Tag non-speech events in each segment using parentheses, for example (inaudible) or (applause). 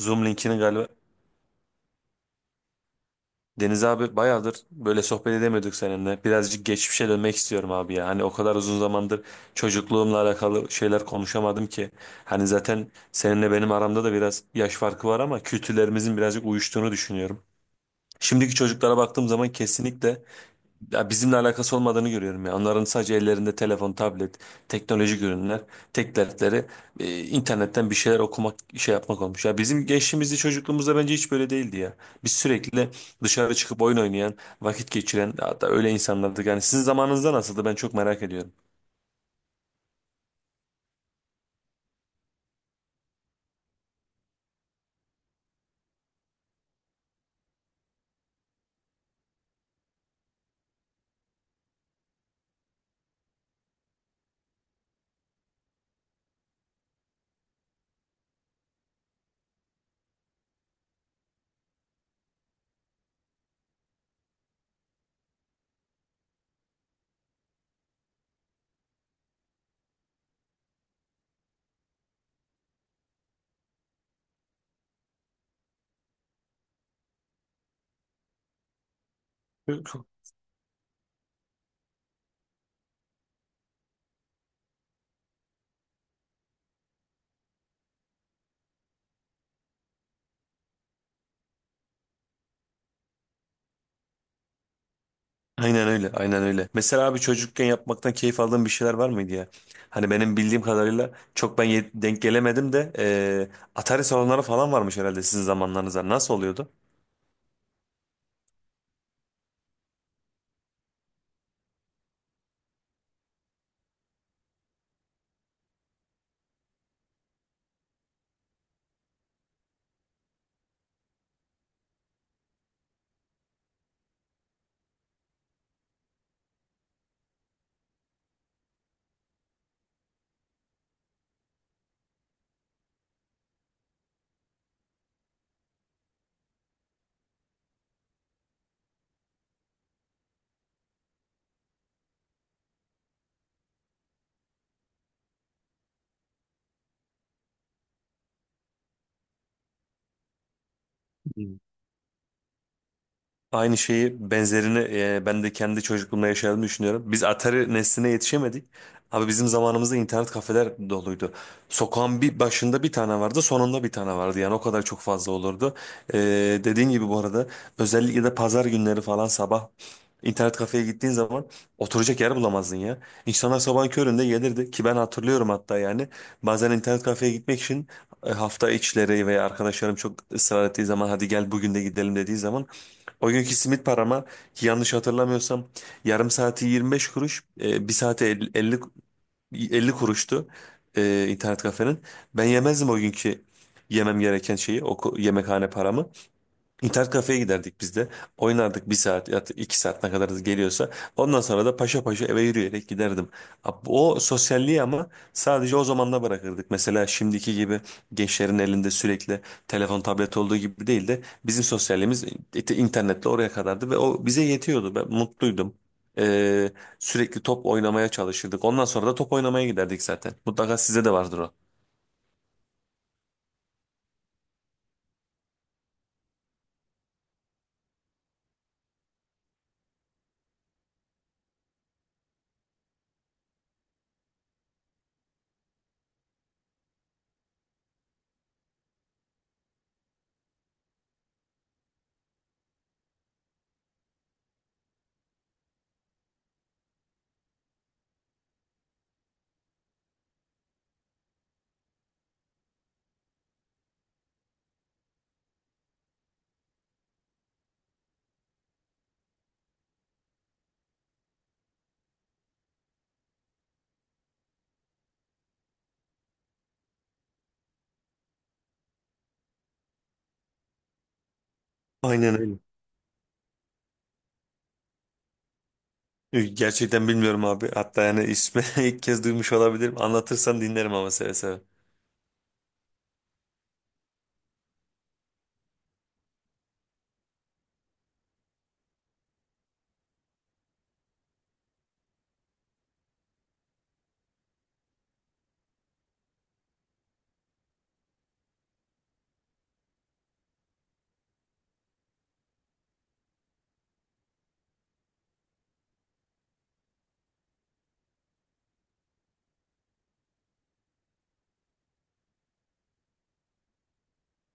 Zoom linkini galiba. Deniz abi bayağıdır böyle sohbet edemiyorduk seninle. Birazcık geçmişe dönmek istiyorum abi ya. Hani o kadar uzun zamandır çocukluğumla alakalı şeyler konuşamadım ki. Hani zaten seninle benim aramda da biraz yaş farkı var ama kültürlerimizin birazcık uyuştuğunu düşünüyorum. Şimdiki çocuklara baktığım zaman kesinlikle ya bizimle alakası olmadığını görüyorum ya. Onların sadece ellerinde telefon, tablet, teknolojik ürünler, tek dertleri internetten bir şeyler okumak, şey yapmak olmuş. Ya bizim gençliğimizde, çocukluğumuzda bence hiç böyle değildi ya. Biz sürekli dışarı çıkıp oyun oynayan, vakit geçiren, hatta öyle insanlardık. Yani sizin zamanınızda nasıldı? Ben çok merak ediyorum. Yok. Aynen öyle, aynen öyle. Mesela abi çocukken yapmaktan keyif aldığın bir şeyler var mıydı ya? Hani benim bildiğim kadarıyla çok denk gelemedim de Atari salonları falan varmış herhalde sizin zamanlarınızda. Nasıl oluyordu? Hı. Aynı şeyi benzerini ben de kendi çocukluğumda yaşadığımı düşünüyorum. Biz Atari nesline yetişemedik. Abi bizim zamanımızda internet kafeler doluydu. Sokağın bir başında bir tane vardı, sonunda bir tane vardı. Yani o kadar çok fazla olurdu. E, Dediğin gibi bu arada özellikle de pazar günleri falan sabah internet kafeye gittiğin zaman oturacak yer bulamazdın ya. İnsanlar sabahın köründe gelirdi ki ben hatırlıyorum hatta yani. Bazen internet kafeye gitmek için hafta içleri veya arkadaşlarım çok ısrar ettiği zaman hadi gel bugün de gidelim dediği zaman o günkü simit parama yanlış hatırlamıyorsam yarım saati 25 kuruş, bir saati 50 kuruştu internet kafenin. Ben yemezdim o günkü yemem gereken şeyi, yemekhane paramı. İnternet kafeye giderdik biz de. Oynardık bir saat ya da iki saat ne kadar geliyorsa. Ondan sonra da paşa paşa eve yürüyerek giderdim. O sosyalliği ama sadece o zamanla bırakırdık. Mesela şimdiki gibi gençlerin elinde sürekli telefon tablet olduğu gibi değil de bizim sosyalliğimiz internetle oraya kadardı ve o bize yetiyordu. Ben mutluydum. Ee, Sürekli top oynamaya çalışırdık. Ondan sonra da top oynamaya giderdik zaten. Mutlaka size de vardır o. Aynen öyle. Gerçekten bilmiyorum abi. Hatta yani ismi (laughs) ilk kez duymuş olabilirim. Anlatırsan dinlerim ama seve seve.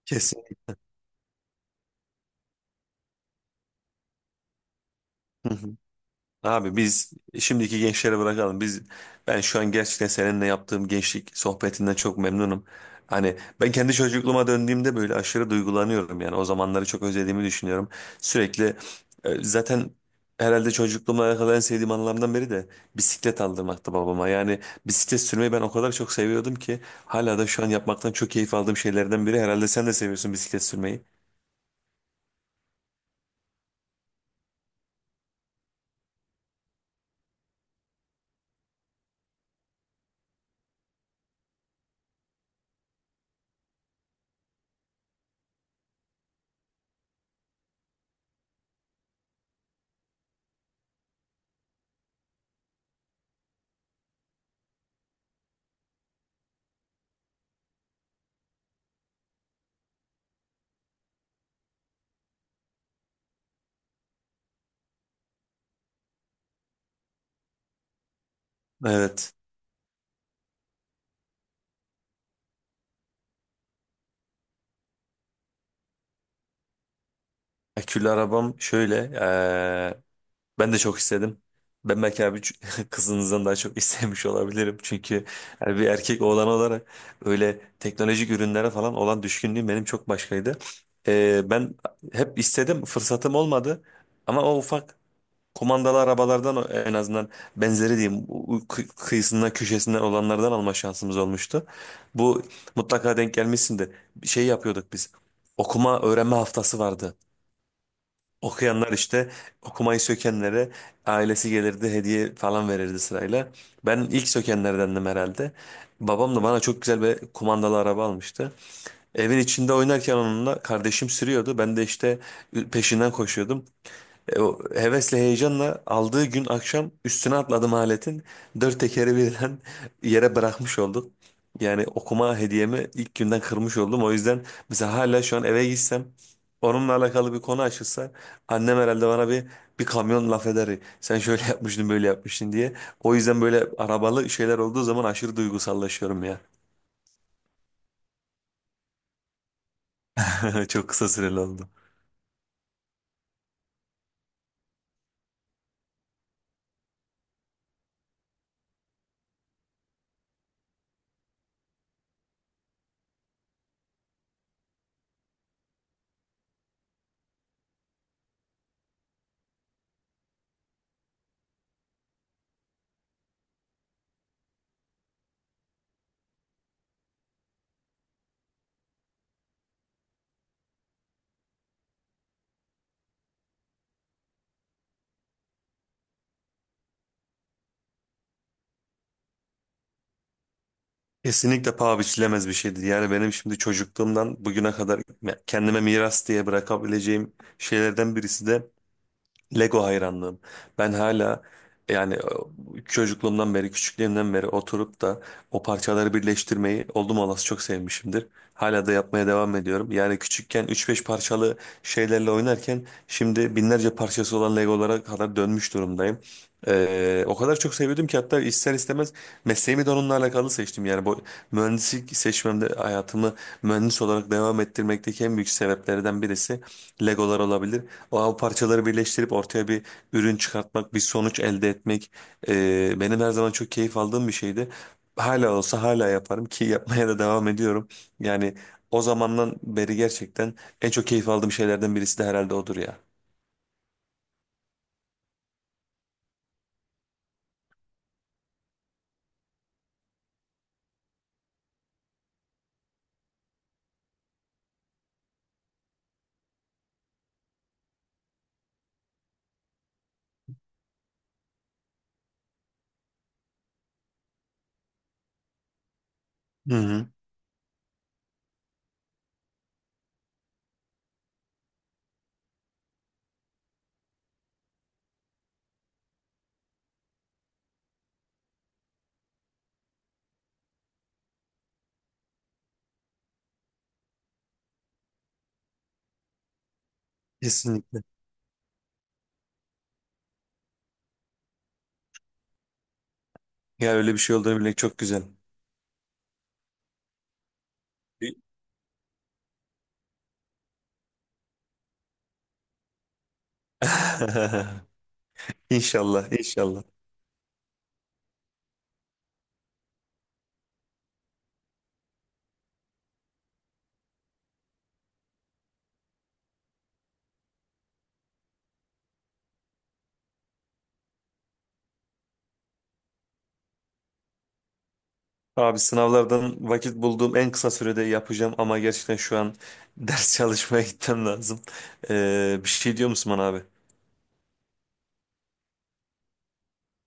Kesin. (laughs) Abi şimdiki gençlere bırakalım. Ben şu an gerçekten seninle yaptığım gençlik sohbetinden çok memnunum. Hani ben kendi çocukluğuma döndüğümde böyle aşırı duygulanıyorum yani. O zamanları çok özlediğimi düşünüyorum. Sürekli zaten herhalde çocukluğuma alakalı en sevdiğim anılarımdan biri de bisiklet aldırmaktı babama. Yani bisiklet sürmeyi ben o kadar çok seviyordum ki hala da şu an yapmaktan çok keyif aldığım şeylerden biri. Herhalde sen de seviyorsun bisiklet sürmeyi. Evet. Akülü arabam şöyle. Ben de çok istedim. Ben belki abi (laughs) kızınızdan daha çok (laughs) istemiş olabilirim. Çünkü yani bir erkek oğlan olarak öyle teknolojik ürünlere falan olan düşkünlüğüm benim çok başkaydı. Ben hep istedim, fırsatım olmadı. Ama o ufak kumandalı arabalardan en azından benzeri diyeyim kıyısından köşesinden olanlardan alma şansımız olmuştu. Bu mutlaka denk gelmişsindir. Bir şey yapıyorduk biz. Okuma öğrenme haftası vardı. Okuyanlar işte okumayı sökenlere ailesi gelirdi hediye falan verirdi sırayla. Ben ilk sökenlerdendim herhalde. Babam da bana çok güzel bir kumandalı araba almıştı. Evin içinde oynarken onunla kardeşim sürüyordu. Ben de işte peşinden koşuyordum. O hevesle heyecanla aldığı gün akşam üstüne atladım aletin. Dört tekeri birden (laughs) yere bırakmış olduk. Yani okuma hediyemi ilk günden kırmış oldum. O yüzden mesela hala şu an eve gitsem onunla alakalı bir konu açılsa annem herhalde bana bir kamyon laf eder. Sen şöyle (laughs) yapmıştın böyle yapmıştın diye. O yüzden böyle arabalı şeyler olduğu zaman aşırı duygusallaşıyorum ya. (laughs) Çok kısa süreli oldu. Kesinlikle paha biçilemez bir şeydir. Yani benim şimdi çocukluğumdan bugüne kadar kendime miras diye bırakabileceğim şeylerden birisi de Lego hayranlığım. Ben hala yani çocukluğumdan beri, küçüklüğümden beri oturup da o parçaları birleştirmeyi oldum olası çok sevmişimdir. Hala da yapmaya devam ediyorum. Yani küçükken üç beş parçalı şeylerle oynarken şimdi binlerce parçası olan Legolara kadar dönmüş durumdayım. O kadar çok seviyordum ki hatta ister istemez mesleğimi de onunla alakalı seçtim. Yani bu mühendislik seçmemde hayatımı mühendis olarak devam ettirmekteki en büyük sebeplerden birisi Legolar olabilir. O av parçaları birleştirip ortaya bir ürün çıkartmak, bir sonuç elde etmek benim her zaman çok keyif aldığım bir şeydi. Hala olsa hala yaparım ki (laughs) yapmaya da devam ediyorum. Yani o zamandan beri gerçekten en çok keyif aldığım şeylerden birisi de herhalde odur ya. Hı hı, kesinlikle. Ya öyle bir şey olduğunu bilmek çok güzel. (laughs) İnşallah, inşallah. Abi sınavlardan vakit bulduğum en kısa sürede yapacağım ama gerçekten şu an (laughs) ders çalışmaya gitmem lazım. Bir şey diyor musun bana abi?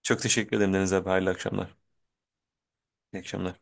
Çok teşekkür ederim Deniz abi. Hayırlı akşamlar. İyi akşamlar.